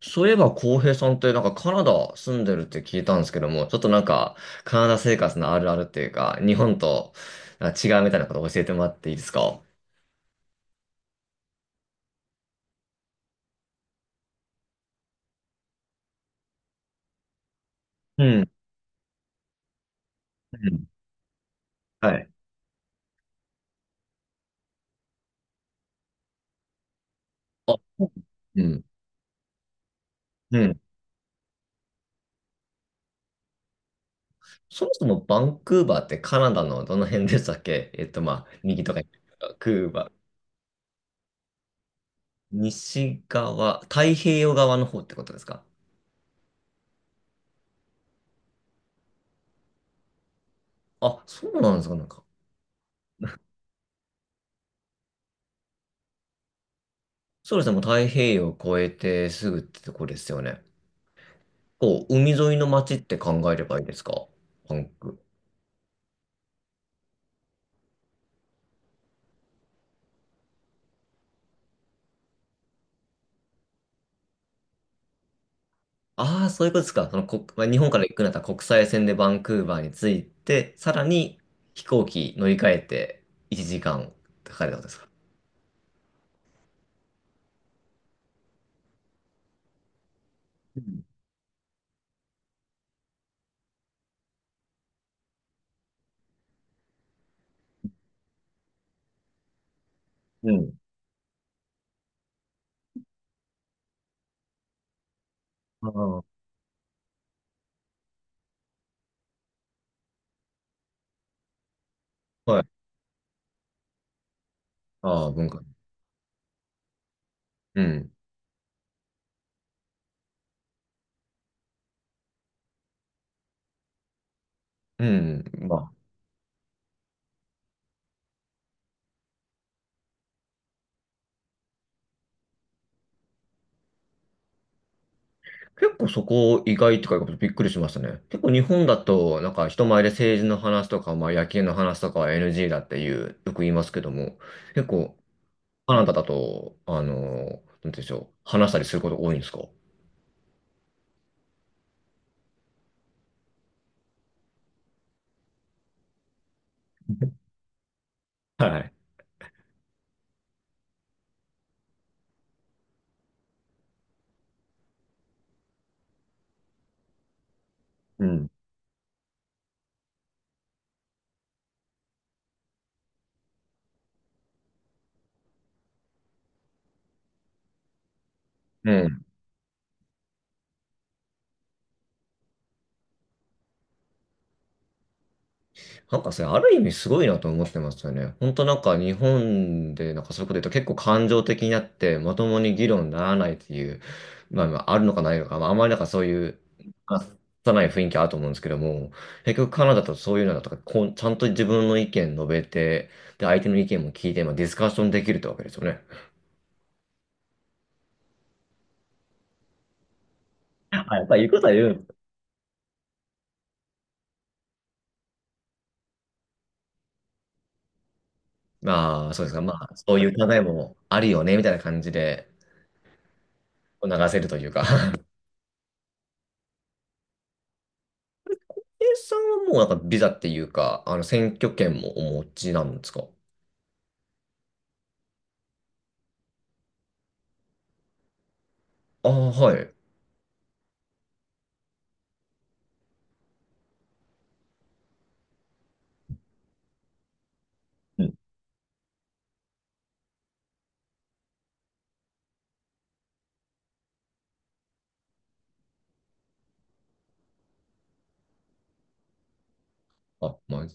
そういえば、浩平さんってなんかカナダ住んでるって聞いたんですけども、ちょっとなんかカナダ生活のあるあるっていうか、日本となんか違うみたいなこと教えてもらっていいですか？うん。うんはい。あ、うん。うん。そもそもバンクーバーってカナダのどの辺でしたっけ？まあ、右とか左とか、クーバー。西側、太平洋側の方ってことですか？あ、そうなんですか、なんか。そうですね、もう太平洋を越えてすぐってとこですよね。こう海沿いの街って考えればいいですか？バンク。ああ、そういうことですか。その国、まあ、日本から行くなら国際線でバンクーバーに着いて、さらに飛行機乗り換えて1時間かかるってことですか？うん。うんああ、はい。ああ、文化。うん。うん。まあ、結構そこ意外とかいうことびっくりしましたね。結構日本だと、なんか人前で政治の話とか、まあ野球の話とかは NG だっていう、よく言いますけども、結構カナダだと、なんて言うんでしょう、話したりすること多いんですか？はい。うん。うん。なんかそれ、ある意味すごいなと思ってますよね。本当なんか日本でなんかそういうこと言うと結構感情的になってまともに議論にならないっていう、まあ、まあ、あるのかないのか、まあ、あんまりなんかそういう、まあさない雰囲気あると思うんですけども、結局カナダとそういうのだとか、こう、ちゃんと自分の意見述べて、で、相手の意見も聞いて、まあ、ディスカッションできるってわけですよね。あ、やっぱ言うことは言う。まあ、そうですか。まあ、そういう考えもあるよね、みたいな感じで流せるというか。A さんはもうなんかビザっていうか、選挙権もお持ちなんですか？ああ、はい。うん。あ、まあ、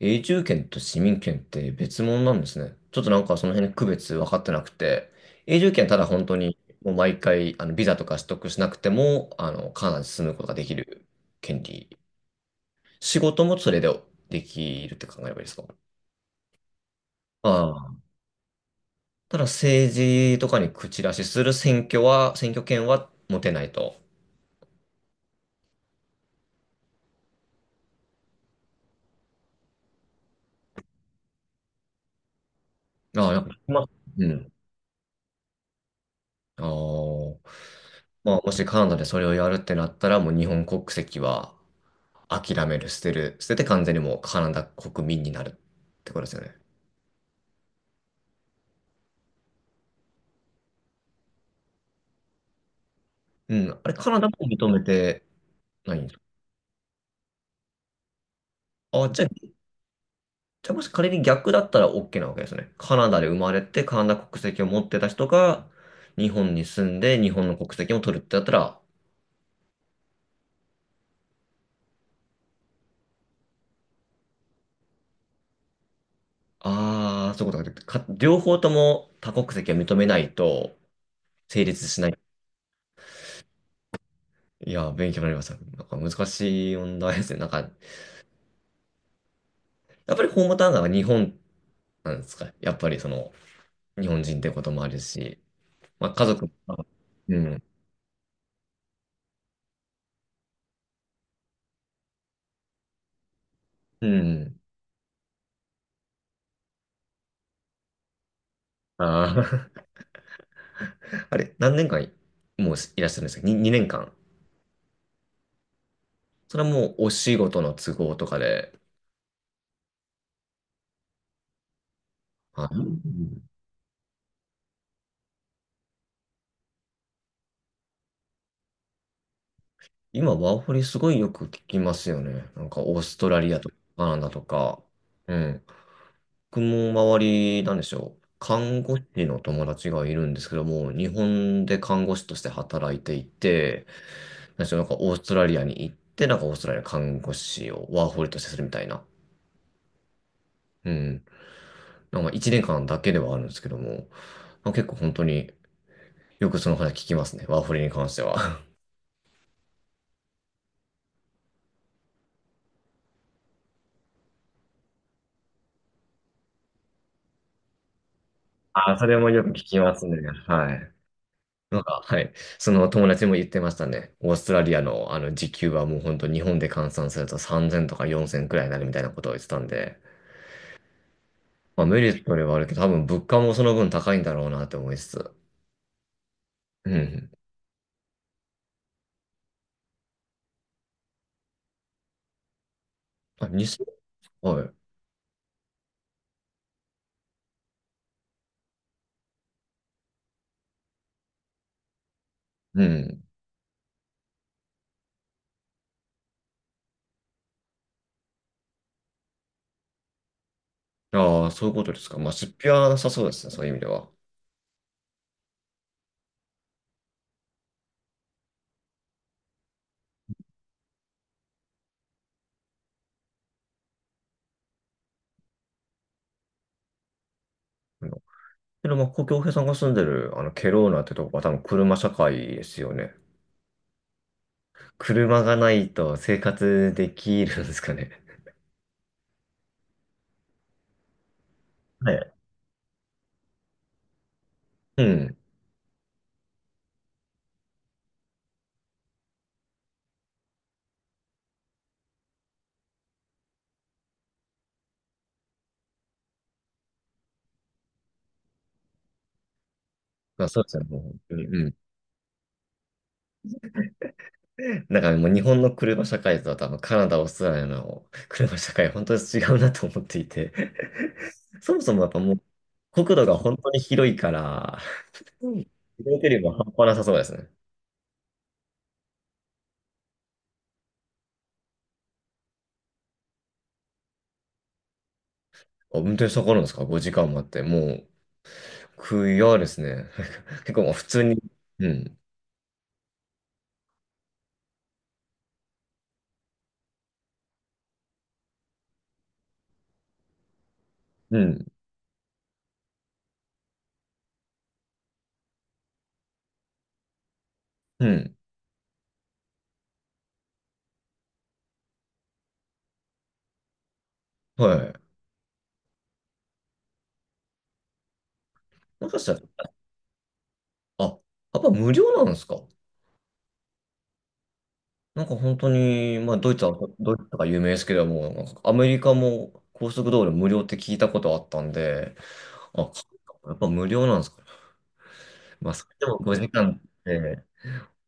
永住権と市民権って別物なんですね。ちょっとなんかその辺の区別分かってなくて、永住権ただ本当にもう毎回ビザとか取得しなくても、カナダに住むことができる権利。仕事もそれでできるって考えればいいですか？あ。ただ政治とかに口出しする選挙は、選挙権は持てないと。ああ、やうっぱ、うん。ああ。まあ、もしカナダでそれをやるってなったら、もう日本国籍は諦める、捨てて完全にもうカナダ国民になるってことですよね。うん。あれ、カナダも認めてないんですか？あ、じゃあもし仮に逆だったら OK なわけですね。カナダで生まれてカナダ国籍を持ってた人が日本に住んで日本の国籍も取るってなったら。ああ、そういうことか。両方とも多国籍を認めないと成立しない。いや、勉強になりました。なんか難しい問題ですね。なんか、やっぱりホームタウンが日本なんですか。やっぱりその、日本人ってこともあるし、まあ家族も、あうん、うん。ああ、あれ、何年間もういらっしゃるんですか？ 2、に二年間。それはもうお仕事の都合とかで。あ、うん。今、ワーホリすごいよく聞きますよね。なんか、オーストラリアとか、カナダとか。うん。僕も周り、なんでしょう。看護師の友達がいるんですけども、日本で看護師として働いていて、なんでしょう、なんかオーストラリアに行って、なんかオーストラリアの看護師をワーホリとしてするみたいな。うん。なんか1年間だけではあるんですけども、まあ、結構本当によくその話聞きますね。ワーホリに関しては。あ、それもよく聞きますね。はい。なんか、はい。その友達も言ってましたね。オーストラリアのあの時給はもう本当日本で換算すると3000とか4000くらいになるみたいなことを言ってたんで。まあ、メリットではあるけど、多分物価もその分高いんだろうなって思いつつ。うん。あ、2000？ はい。うん。ああ、そういうことですか。まあ、出費はなさそうですね、そういう意味では。うん。けど、まあ、故郷平さんが住んでる、ケローナってとこは多分車社会ですよね。車がないと生活できるんですかね。はい。うん。まあ、そうですよね、もう本当に。うん。なんかもう日本の車社会とは多分カナダ、オーストラリアの車社会、本当に違うなと思っていて。そもそもやっぱもう、国土が本当に広いから、うん。移動距離も半端なさそうですね。あ、運転したかかるんですか？ 5 時間もあって、もう、悔やですね。結構もう普通に、うん、うん、うん、はい。もしかしたら、あ、やっぱ無料なんですか？なんか本当に、まあドイツとか有名ですけども、なんかアメリカも高速道路無料って聞いたことあったんで、あ、やっぱ無料なんですかね。まあそれでも5時間って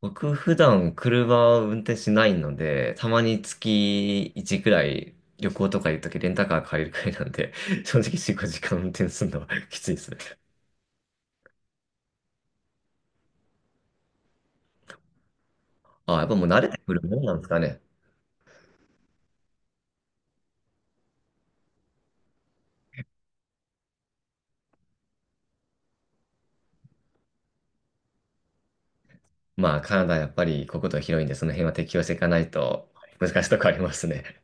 僕普段車を運転しないので、たまに月1くらい旅行とか行くときレンタカー借りるくらいなんで、正直4、5時間運転するのは きついですね。あ、やっぱもう慣れてくるもんなんですかね。まあカナダやっぱり国土広いんで、その辺は適応していかないと難しいとこありますね。